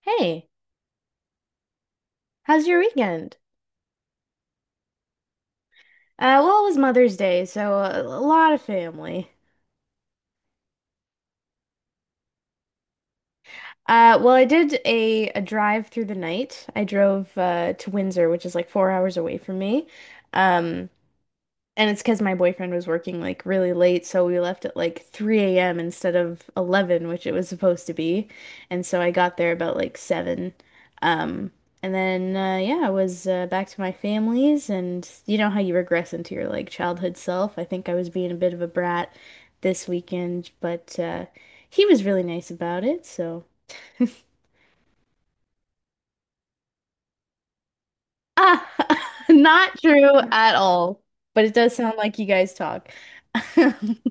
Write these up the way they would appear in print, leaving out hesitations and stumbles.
Hey, how's your weekend? Well, it was Mother's Day, so a lot of family. Well, I did a drive through the night. I drove to Windsor, which is like 4 hours away from me. Um, And it's because my boyfriend was working like really late, so we left at like 3 a.m. instead of 11, which it was supposed to be. And so I got there about like 7. Um, and I was back to my family's, and you know how you regress into your like childhood self. I think I was being a bit of a brat this weekend, but he was really nice about it, so ah, not true at all. But it does sound like you guys talk.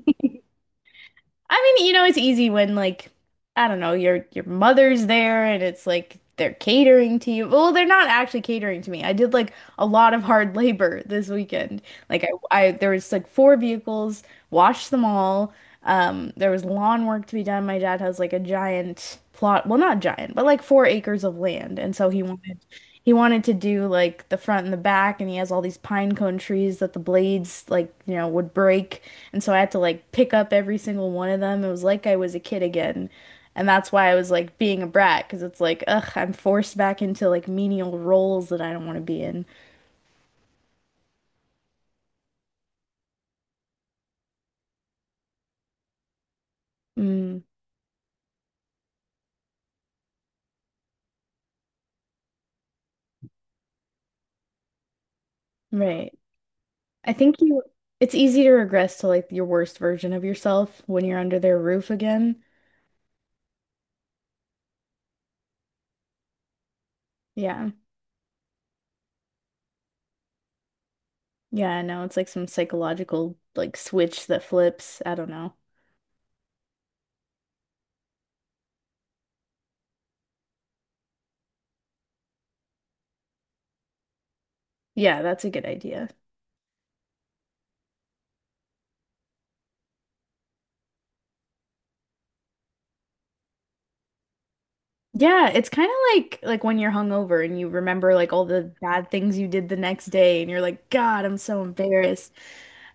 I mean, you know, it's easy when like I don't know, your mother's there and it's like they're catering to you. Well, they're not actually catering to me. I did like a lot of hard labor this weekend. Like I there was like four vehicles, washed them all. There was lawn work to be done. My dad has like a giant plot, well, not giant, but like 4 acres of land, and so he wanted to do like the front and the back, and he has all these pine cone trees that the blades like, you know, would break. And so I had to like pick up every single one of them. It was like I was a kid again. And that's why I was like being a brat, because it's like, ugh, I'm forced back into like menial roles that I don't want to be in. Mm, right. I think you, it's easy to regress to like your worst version of yourself when you're under their roof again. Yeah. Yeah, I know. It's like some psychological like switch that flips. I don't know. Yeah, that's a good idea. Yeah, it's kind of like when you're hungover and you remember like all the bad things you did the next day and you're like, God, I'm so embarrassed.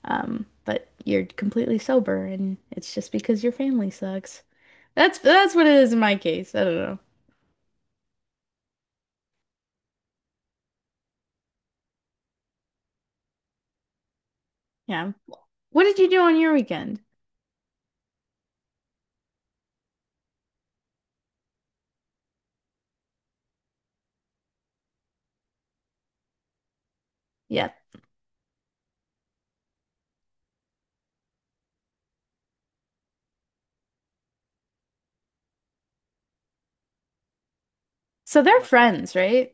But you're completely sober and it's just because your family sucks. That's what it is in my case. I don't know. Yeah. What did you do on your weekend? Yeah. So they're friends, right?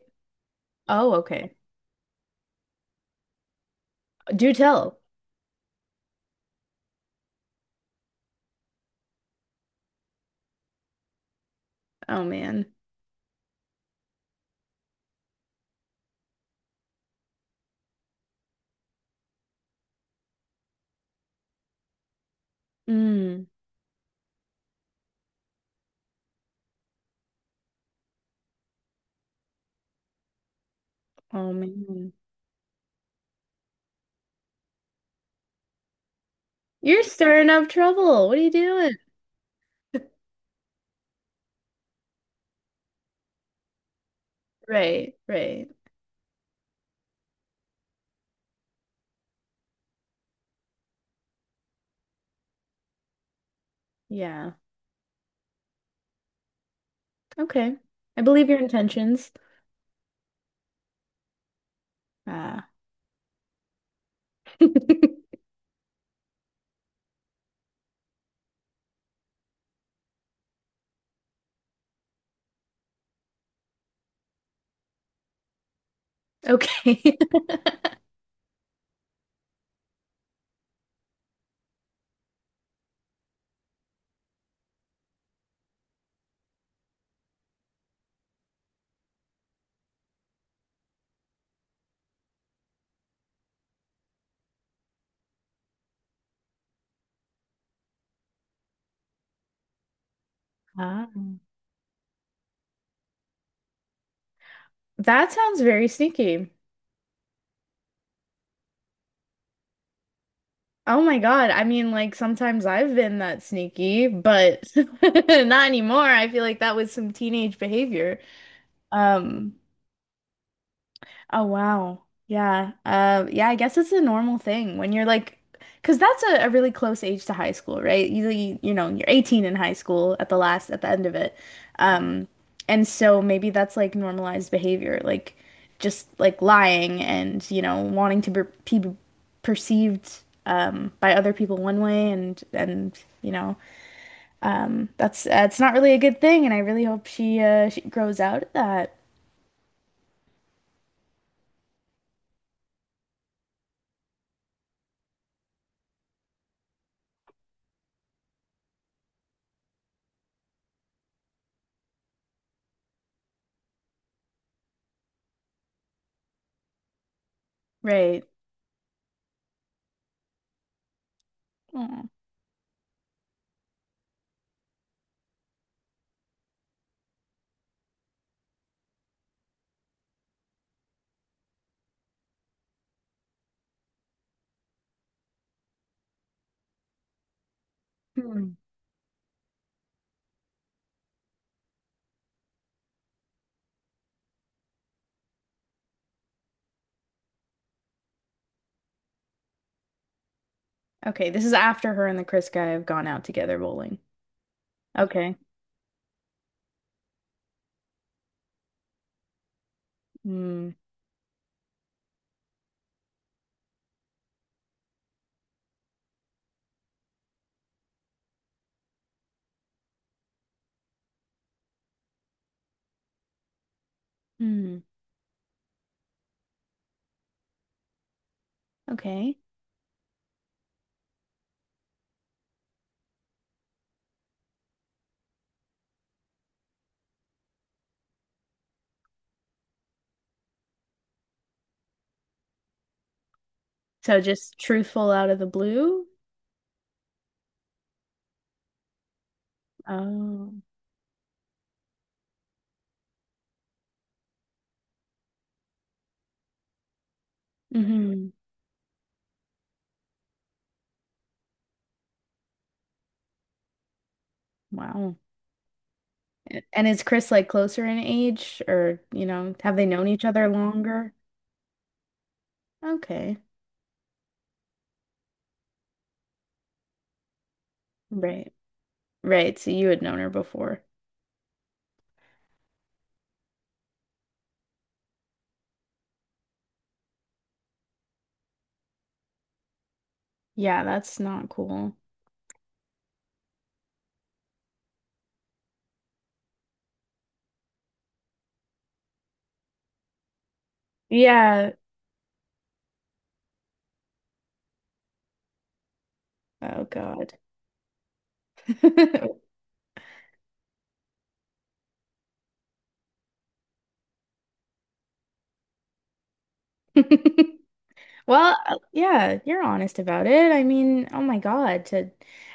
Oh, okay. Do tell. Oh man. Mm. Oh man. You're stirring up trouble. What are you doing? Right, right. Yeah. Okay. I believe your intentions. Uh, okay. Ah. That sounds very sneaky. Oh my God. I mean, like sometimes I've been that sneaky, but not anymore. I feel like that was some teenage behavior. Um, Oh wow. Yeah. Yeah, I guess it's a normal thing when you're like because that's a really close age to high school, right? Usually, you know, you're 18 in high school at the end of it. Um and so maybe that's like normalized behavior, like just like lying and, you know, wanting to be perceived by other people one way and you know, that's it's not really a good thing and I really hope she grows out of that. Right. Aw. Okay, this is after her and the Chris guy have gone out together bowling. Okay. Mm. Mm. Okay. So just truthful out of the blue? Oh. Hmm. Wow. And is Chris like closer in age or, you know, have they known each other longer? Okay. Right. Right. So you had known her before. Yeah, that's not cool. Yeah. Oh God. Well, yeah, you're honest about it. I mean, oh my God, to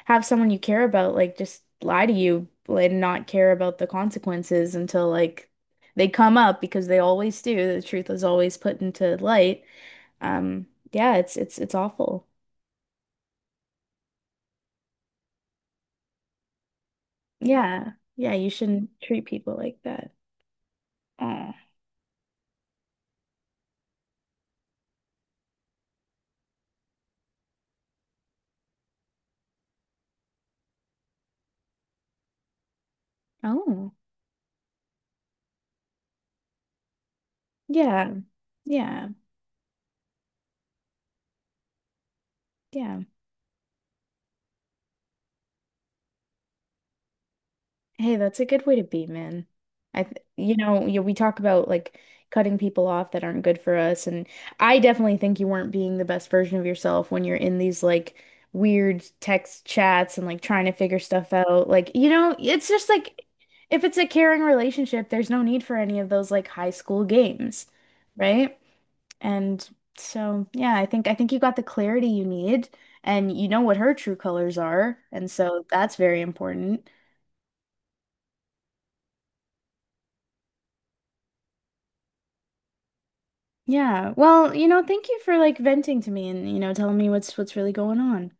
have someone you care about like just lie to you and not care about the consequences until like they come up because they always do. The truth is always put into light. Um, yeah, it's awful. Yeah. Yeah, you shouldn't treat people like that. Oh. Oh. Yeah. Yeah. Yeah. Hey, that's a good way to be, man. I, th you know, you, we talk about like cutting people off that aren't good for us, and I definitely think you weren't being the best version of yourself when you're in these like weird text chats and like trying to figure stuff out. Like, you know, it's just like if it's a caring relationship, there's no need for any of those like high school games, right? And so, yeah, I think you got the clarity you need, and you know what her true colors are, and so that's very important. Yeah. Well, you know, thank you for like venting to me and, you know, telling me what's really going on.